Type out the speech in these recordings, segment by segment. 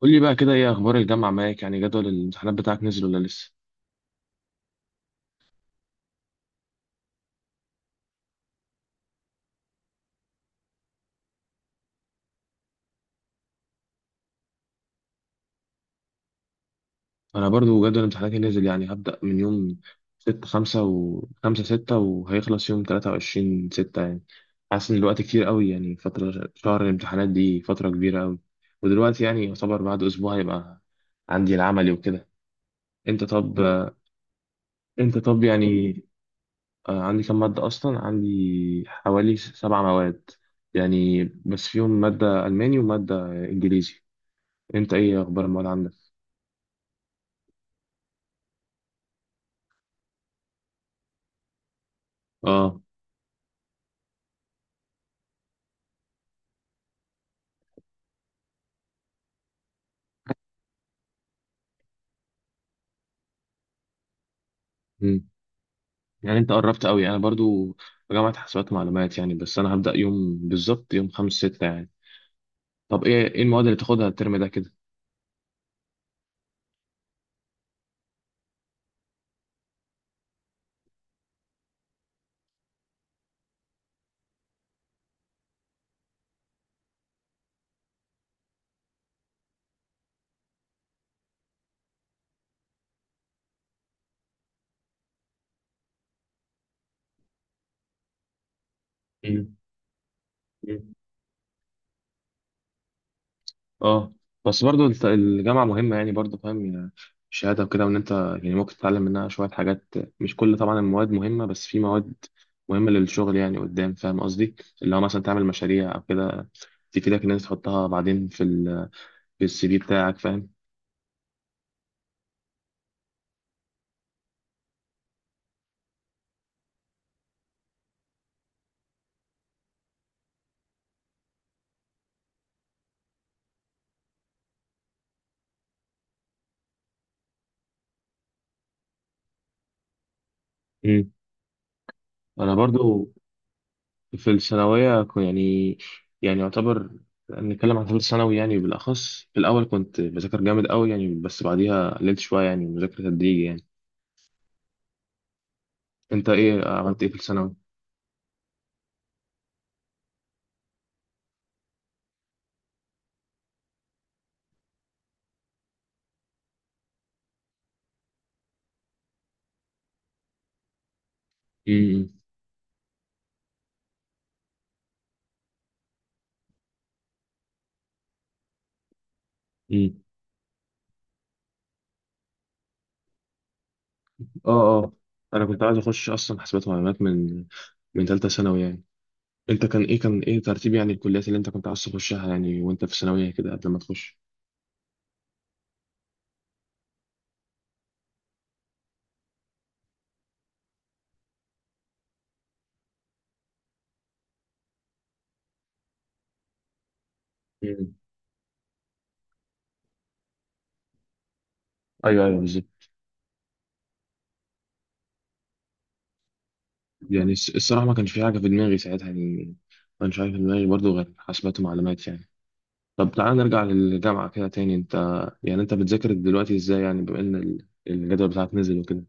قول لي بقى كده ايه اخبار الجامعه معاك جدول الامتحانات بتاعك نزل ولا لسه؟ انا برضو جدول امتحاناتي نزل، هبدا من يوم 6 5 و 5 6 وهيخلص يوم 23 6. حاسس ان الوقت كتير قوي، فتره شهر الامتحانات دي فتره كبيره قوي. ودلوقتي يعتبر بعد اسبوع هيبقى عندي العملي وكده. انت طب انت طب عندي كم ماده اصلا، عندي حوالي سبع مواد، بس فيهم ماده الماني وماده انجليزي. انت ايه اخبار المواد عندك؟ اه. مم. انت قربت قوي، انا برضو في جامعة حسابات ومعلومات، بس انا هبدأ يوم بالظبط يوم خمسة ستة طب ايه ايه المواد اللي تاخدها الترم ده كده؟ مم. مم. اه. بس برضو الجامعة مهمة، برضو فاهم الشهادة وكده، وان انت ممكن تتعلم منها شوية حاجات. مش كل طبعا المواد مهمة، بس في مواد مهمة للشغل قدام، فاهم قصدي؟ اللي هو مثلا تعمل مشاريع او كده، تفيدك ان انت تحطها بعدين في ال في السي في بتاعك، فاهم؟ مم. انا برضو في الثانوية يعتبر نتكلم عن ثالث ثانوي، بالأخص في الأول كنت بذاكر جامد أوي بس بعديها قللت شوية، مذاكرة تدريجي أنت إيه عملت إيه في الثانوي؟ أمم، أمم. آه. آه. أنا كنت عايز أخش أصلا حاسبات ومعلومات من من تالتة ثانوي أنت كان إيه كان إيه ترتيب الكليات اللي أنت كنت عايز تخشها وأنت في الثانوية كده قبل ما تخش؟ أمم. أيوه أيوه بالظبط. الصراحة ما كانش في حاجة في دماغي ساعتها ما كانش حاجة في دماغي برضه غير حاسبات ومعلومات طب تعال نرجع للجامعة كده تاني. انت انت بتذاكر دلوقتي ازاي، بما ان الجدول بتاعك نزل وكده؟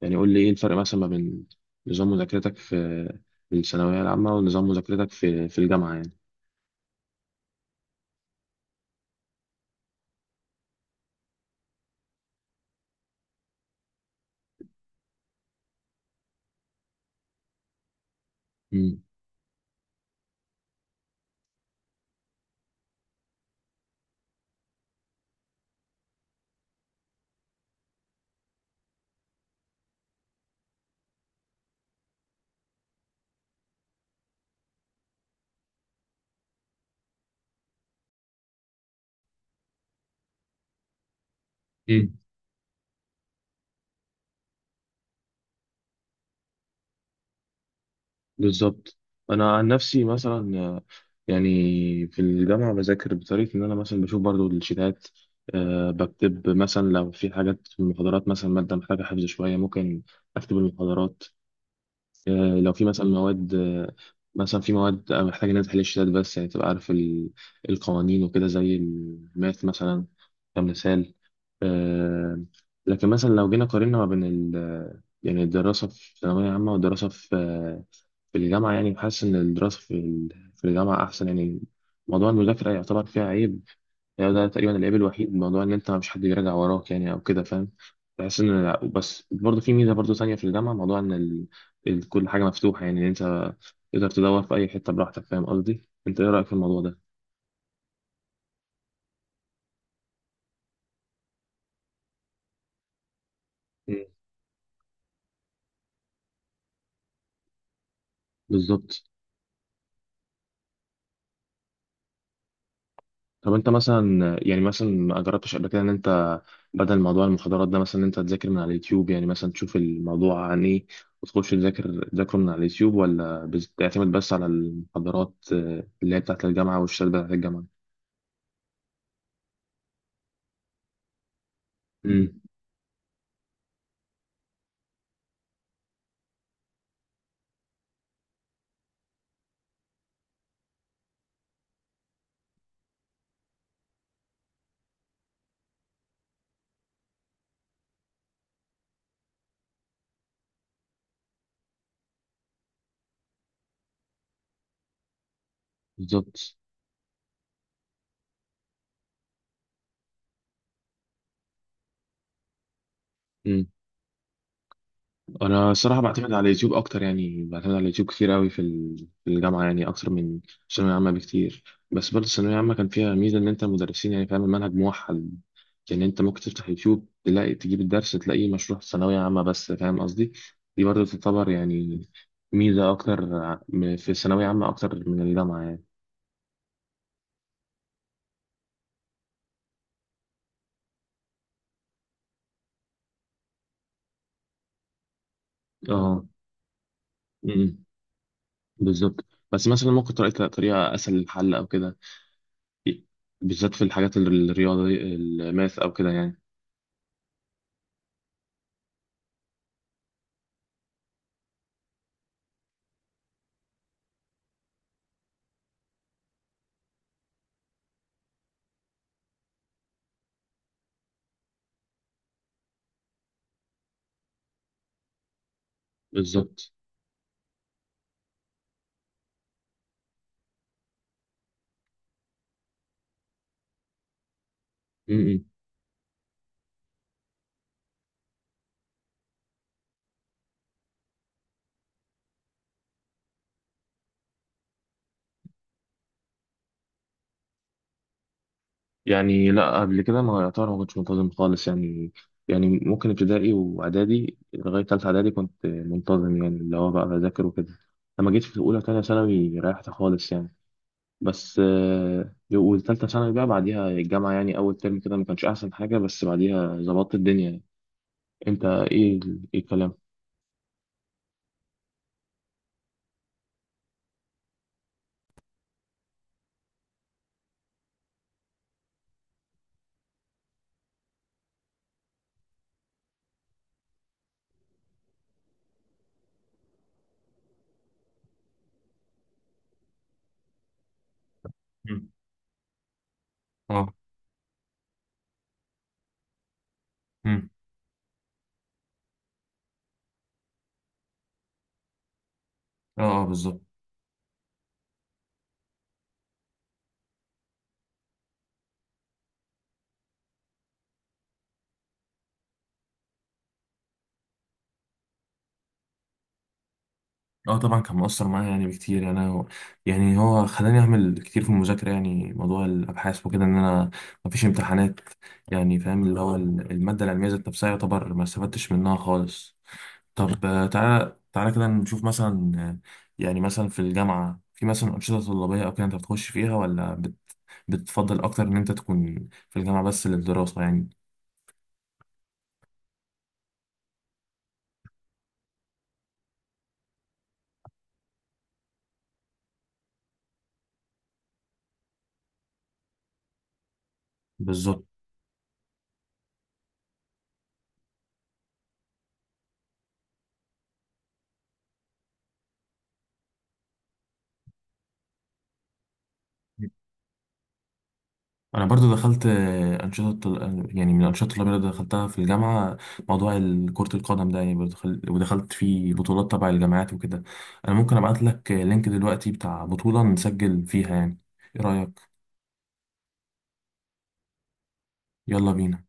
قول لي ايه الفرق مثلا ما بين نظام مذاكرتك في الثانوية العامة ونظام مذاكرتك في في الجامعة امم. امم. بالظبط. انا عن نفسي مثلا، يعني في الجامعة بذاكر بطريقة ان انا مثلا بشوف برضو الشيتات. أه بكتب مثلا لو في حاجات في المحاضرات، مثلا مادة محتاجة حفظ شوية، ممكن أكتب المحاضرات. لو في مثلا مواد، مثلا في مواد أنا محتاج إن أنا تحل الشتات بس، تبقى عارف القوانين وكده، زي الماث مثلا كمثال. آه، لكن مثلا لو جينا قارنا ما بين ال الدراسة في ثانوية عامة والدراسة في في الجامعة، بحس إن الدراسة في في الجامعة أحسن موضوع المذاكرة يعتبر فيها عيب، ده تقريبا العيب الوحيد، موضوع ان انت مش حد بيراجع وراك او كده، فاهم؟ بحس ان لا، بس برضه في ميزه برضه ثانيه في الجامعه، موضوع ان ال... كل حاجه مفتوحه. انت تقدر تدور في اي حته براحتك، فاهم قصدي؟ انت ايه رايك في الموضوع ده؟ مم. بالظبط. طب انت مثلا مثلا ما جربتش قبل كده ان انت بدل موضوع المحاضرات ده، مثلا ان انت تذاكر من على اليوتيوب، مثلا تشوف الموضوع عن ايه وتخش تذاكر تذاكره من على اليوتيوب، ولا بتعتمد بس على المحاضرات اللي هي بتاعت الجامعه والشهادات بتاعت الجامعه؟ امم. بالظبط. مم. انا الصراحه بعتمد على اليوتيوب اكتر، بعتمد على اليوتيوب كتير قوي في في الجامعه، اكتر من الثانويه العامه بكتير. بس برضه الثانويه العامه كان فيها ميزه ان انت المدرسين، فاهم، المنهج موحد. انت ممكن تفتح يوتيوب تلاقي تجيب الدرس تلاقيه مشروح ثانويه عامه بس، فاهم قصدي؟ دي برضه تعتبر ميزه اكتر في الثانويه عامه اكتر من الجامعه اه. مم. بالظبط. بس مثلا ممكن تلاقي طريقه اسهل للحل او كده، بالذات في الحاجات الرياضيه الماث او كده بالظبط. م- م. لا قبل كده ما يعتبر ما كنتش منتظم خالص ممكن ابتدائي واعدادي لغايه ثالثه اعدادي كنت منتظم، اللي هو بقى بذاكر وكده. لما جيت في اولى ثانيه ثانوي ريحت خالص بس وثالثه ثانوي بقى بعديها الجامعه، اول ترم كده ما كانش احسن حاجه، بس بعديها ظبطت الدنيا انت ايه ايه الكلام؟ مم. اه. مم. اه. اه بالظبط. اه طبعا كان مؤثر معايا، بكتير، هو خلاني اعمل كتير في المذاكره، موضوع الابحاث وكده، ان انا مفيش امتحانات. فاهم، اللي هو الماده العلميه ذات نفسها يعتبر ما استفدتش منها خالص. طب تعالى تعالى كده نشوف مثلا مثلا في الجامعه في مثلا انشطه طلابيه او كده انت بتخش فيها، ولا بتفضل اكتر ان انت تكون في الجامعه بس للدراسه بالظبط. انا برضو دخلت من الانشطه الطلابيه اللي دخلتها في الجامعه موضوع كره القدم ده، برضو دخل- ودخلت فيه بطولات تبع الجامعات وكده. انا ممكن ابعت لك لينك دلوقتي بتاع بطوله نسجل فيها ايه رايك؟ يلا بينا.